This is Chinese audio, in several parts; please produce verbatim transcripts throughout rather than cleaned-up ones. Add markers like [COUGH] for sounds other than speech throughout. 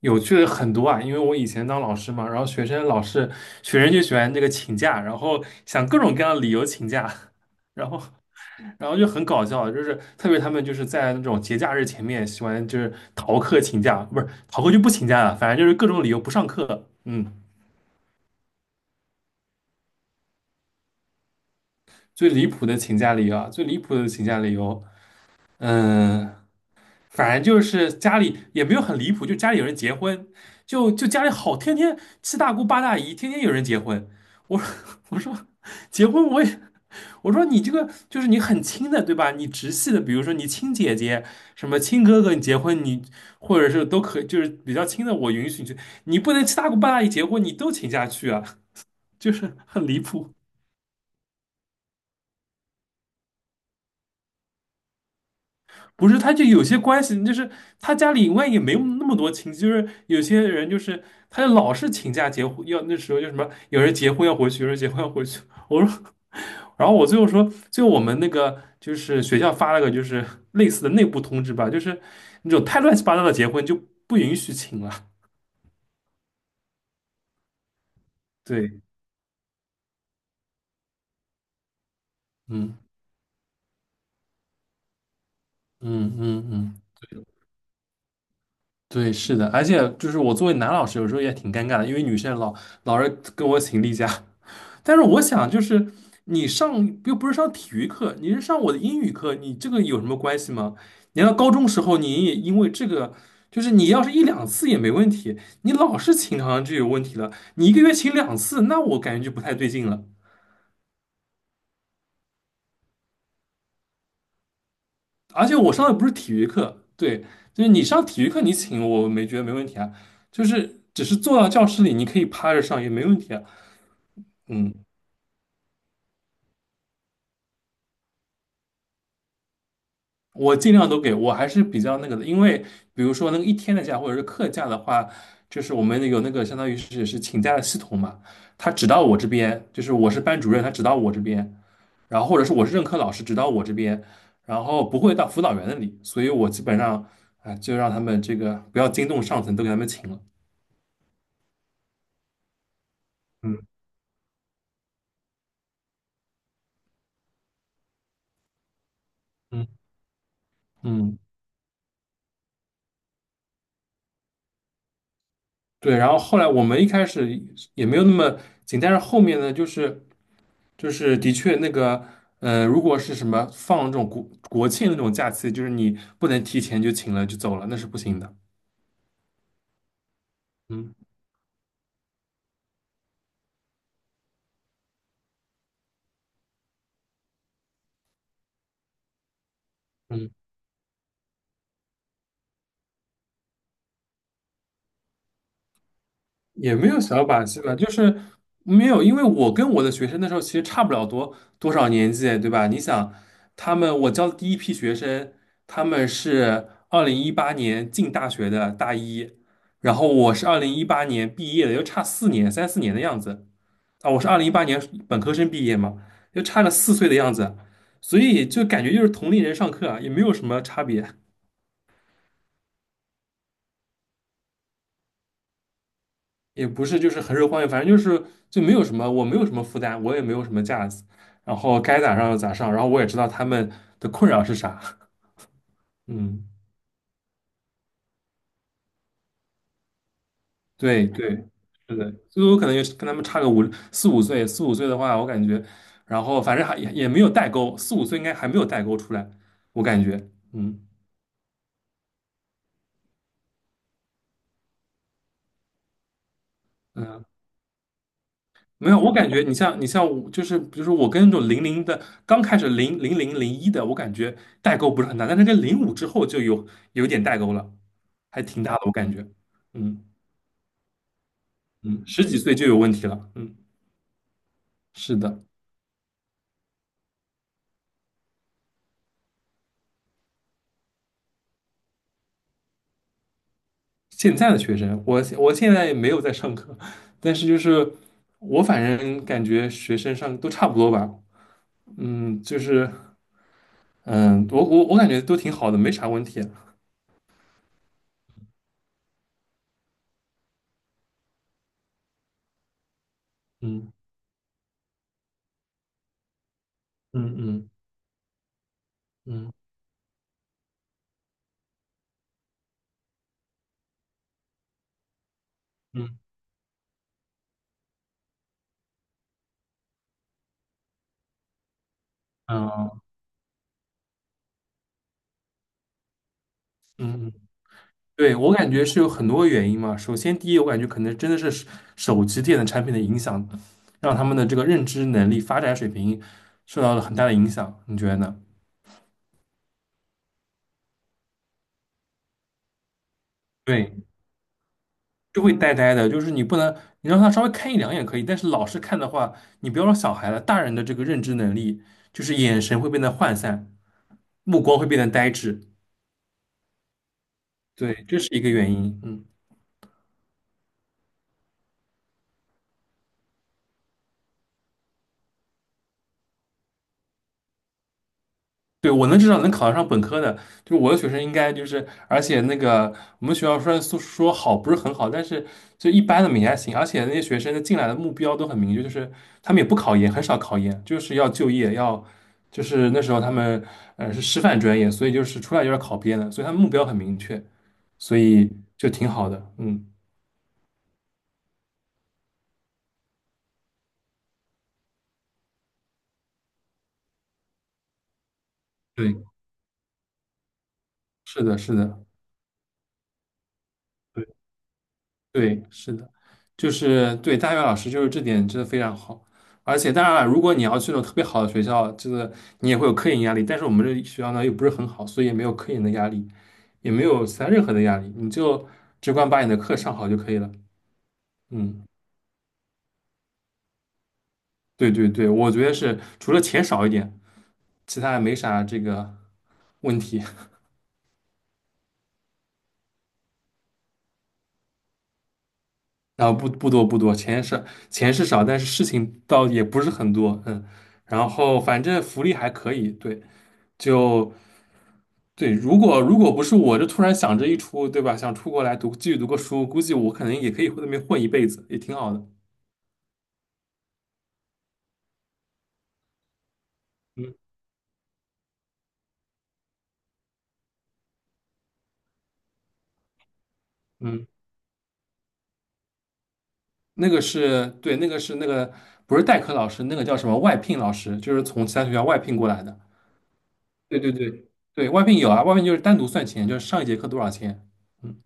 有趣的很多啊，因为我以前当老师嘛，然后学生老是学生就喜欢这个请假，然后想各种各样的理由请假，[LAUGHS] 然后然后就很搞笑，就是特别他们就是在那种节假日前面喜欢就是逃课请假，不是逃课就不请假了，反正就是各种理由不上课。嗯，最离谱的请假理由啊，最离谱的请假理由，嗯。反正就是家里也没有很离谱，就家里有人结婚，就就家里好，天天七大姑八大姨，天天有人结婚。我 [LAUGHS] 我说结婚我也我说你这个就是你很亲的对吧？你直系的，比如说你亲姐姐、什么亲哥哥，你结婚你或者是都可以，就是比较亲的，我允许你去，你不能七大姑八大姨结婚你都请假去啊，就是很离谱。不是，他就有些关系，就是他家里万一也没有那么多亲戚，就是有些人就是他就老是请假结婚，要那时候就什么有人结婚要回去，有人结婚要回去。我说，[LAUGHS] 然后我最后说，最后我们那个就是学校发了个就是类似的内部通知吧，就是那种太乱七八糟的结婚就不允许请了。对，嗯嗯嗯嗯，对，是的，而且就是我作为男老师，有时候也挺尴尬的，因为女生老老是跟我请例假。[LAUGHS] 但是我想，就是你上又不是上体育课，你是上我的英语课，你这个有什么关系吗？你要高中时候你也因为这个，就是你要是一两次也没问题，你老是请好像就有问题了。你一个月请两次，那我感觉就不太对劲了。而且我上的不是体育课，对，就是你上体育课你请我没觉得没问题啊，就是只是坐到教室里你可以趴着上也没问题啊。嗯，我尽量都给我还是比较那个的，因为比如说那个一天的假或者是课假的话，就是我们有那个相当于是是请假的系统嘛，他只到我这边，就是我是班主任，他只到我这边，然后或者是我是任课老师，只到我这边，然后不会到辅导员那里，所以我基本上啊、哎就让他们这个不要惊动上层，都给他们请了。嗯。嗯嗯。对，然后后来我们一开始也没有那么紧，但是后面呢，就是就是的确那个，呃，如果是什么放这种国国庆那种假期，就是你不能提前就请了就走了，那是不行的。嗯也没有小把戏吧，就是没有，因为我跟我的学生那时候其实差不了多多少年纪，对吧？你想，他们我教的第一批学生，他们是二零一八年进大学的大一，然后我是二零一八年毕业的，又差四年，三四年的样子啊。我是二零一八年本科生毕业嘛，又差了四岁的样子，所以就感觉就是同龄人上课啊，也没有什么差别。也不是就是很受欢迎，反正就是就没有什么，我没有什么负担，我也没有什么架子，然后该咋上就咋上，然后我也知道他们的困扰是啥，嗯，对对，是的，所以我可能也是跟他们差个五四五岁，四五岁的话，我感觉，然后反正还也也没有代沟，四五岁应该还没有代沟出来，我感觉，嗯嗯，没有，我感觉你像你像我，就是比如说我跟那种零零的，刚开始零零零零一的，我感觉代沟不是很大，但是跟零五之后就有有点代沟了，还挺大的，我感觉，嗯嗯，十几岁就有问题了，嗯，是的，现在的学生，我我现在也没有在上课，但是就是我反正感觉学生上都差不多吧，嗯，就是嗯，我我我感觉都挺好的，没啥问题，嗯嗯嗯嗯嗯嗯嗯。嗯对，我感觉是有很多原因嘛。首先，第一，我感觉可能真的是手手机电子产品的影响，让他们的这个认知能力发展水平受到了很大的影响。你觉得呢？对，就会呆呆的，就是你不能，你让他稍微看一两眼可以，但是老是看的话，你不要说小孩了，大人的这个认知能力，就是眼神会变得涣散，目光会变得呆滞。对，这是一个原因。嗯。对，我能至少能考得上本科的，就是我的学生应该就是，而且那个我们学校虽然说说好不是很好，但是就一般的也还行，而且那些学生的进来的目标都很明确，就是他们也不考研，很少考研，就是要就业，要就是那时候他们呃是师范专业，所以就是出来就是考编的，所以他们目标很明确，所以就挺好的，嗯，对是的，是的。对，是的，就是对大学老师就是这点真的非常好，而且当然了，如果你要去那种特别好的学校，这个你也会有科研压力，但是我们这学校呢又不是很好，所以也没有科研的压力，也没有其他任何的压力，你就只管把你的课上好就可以了。嗯，对对对，我觉得是除了钱少一点，其他也没啥这个问题。然后不不多不多，钱是钱是少，但是事情倒也不是很多，嗯，然后反正福利还可以，对。就对，如果如果不是我，就突然想着一出，对吧？想出国来读，继续读个书，估计我可能也可以在那边混一辈子，也挺好的。嗯嗯，那个是对，那个是那个不是代课老师，那个叫什么外聘老师，就是从其他学校外聘过来的。对对对对，外聘有啊，外聘就是单独算钱，就是上一节课多少钱。嗯，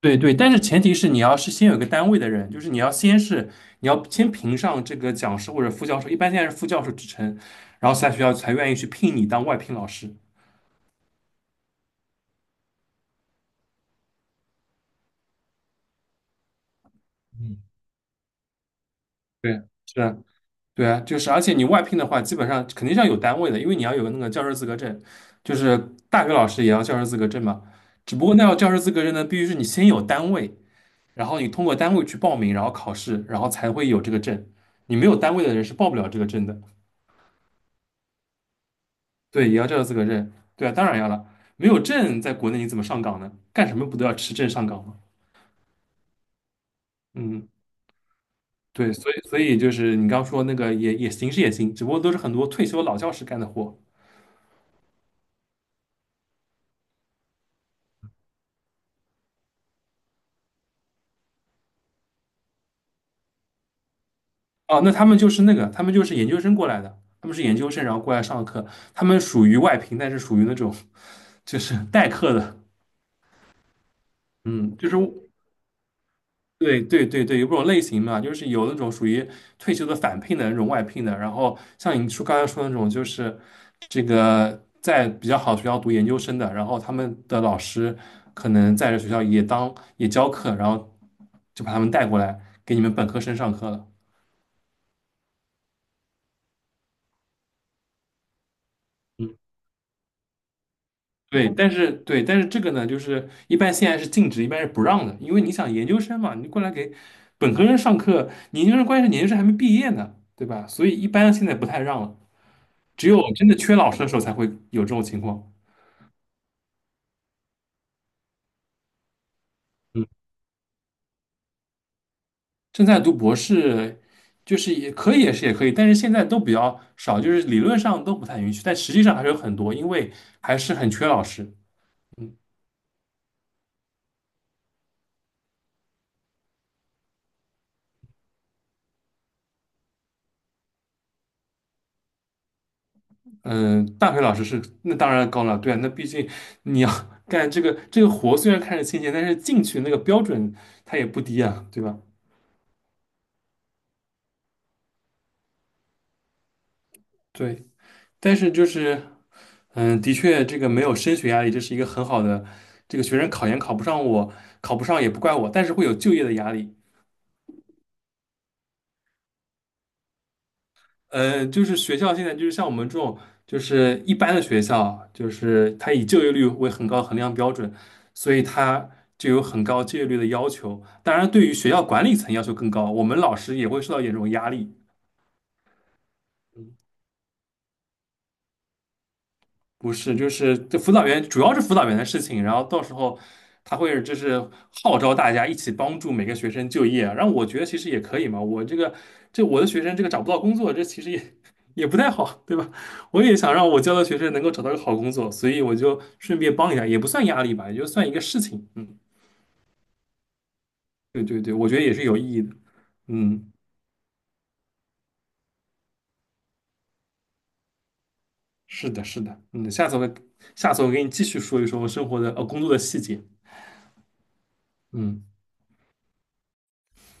对对，但是前提是你要是先有一个单位的人，就是你要先是你要先评上这个讲师或者副教授，一般现在是副教授职称，然后其他学校才愿意去聘你当外聘老师。嗯。对，是啊，对啊，就是，而且你外聘的话，基本上肯定是要有单位的，因为你要有个那个教师资格证，就是大学老师也要教师资格证嘛。只不过那要教师资格证呢，必须是你先有单位，然后你通过单位去报名，然后考试，然后才会有这个证。你没有单位的人是报不了这个证的。对，也要教师资格证。对啊，当然要了，没有证在国内你怎么上岗呢？干什么不都要持证上岗吗？嗯，对，所以所以就是你刚说那个也也行是也行，只不过都是很多退休老教师干的活。哦，那他们就是那个，他们就是研究生过来的，他们是研究生，然后过来上课，他们属于外聘，但是属于那种就是代课的，嗯，就是对对对对，有这种类型嘛，就是有那种属于退休的返聘的那种外聘的，然后像你说刚才说的那种，就是这个在比较好的学校读研究生的，然后他们的老师可能在这学校也当也教课，然后就把他们带过来给你们本科生上课了。对，但是对，但是这个呢，就是一般现在是禁止，一般是不让的，因为你想研究生嘛，你过来给本科生上课，你研究生关键是研究生还没毕业呢，对吧？所以一般现在不太让了，只有真的缺老师的时候才会有这种情况。嗯，正在读博士，就是也可以，也是也可以，但是现在都比较少，就是理论上都不太允许，但实际上还是有很多，因为还是很缺老师。嗯嗯，大学老师是那当然高了，对啊，那毕竟你要 [LAUGHS] 干这个这个活，虽然看着清闲，但是进去那个标准它也不低啊，对吧？对，但是就是，嗯，的确这个没有升学压力，这是一个很好的，这个学生考研考不上我，考不上也不怪我，但是会有就业的压力。呃，就是学校现在就是像我们这种，就是一般的学校，就是它以就业率为很高衡量标准，所以它就有很高就业率的要求。当然，对于学校管理层要求更高，我们老师也会受到严重压力。不是，就是这辅导员主要是辅导员的事情，然后到时候他会就是号召大家一起帮助每个学生就业啊，然后我觉得其实也可以嘛，我这个这我的学生这个找不到工作，这其实也 [LAUGHS] 也不太好，对吧？我也想让我教的学生能够找到个好工作，所以我就顺便帮一下，也不算压力吧，也就算一个事情。嗯，对对对，我觉得也是有意义的。嗯，是的，是的，嗯，下次我下次我给你继续说一说我生活的呃工作的细节。嗯。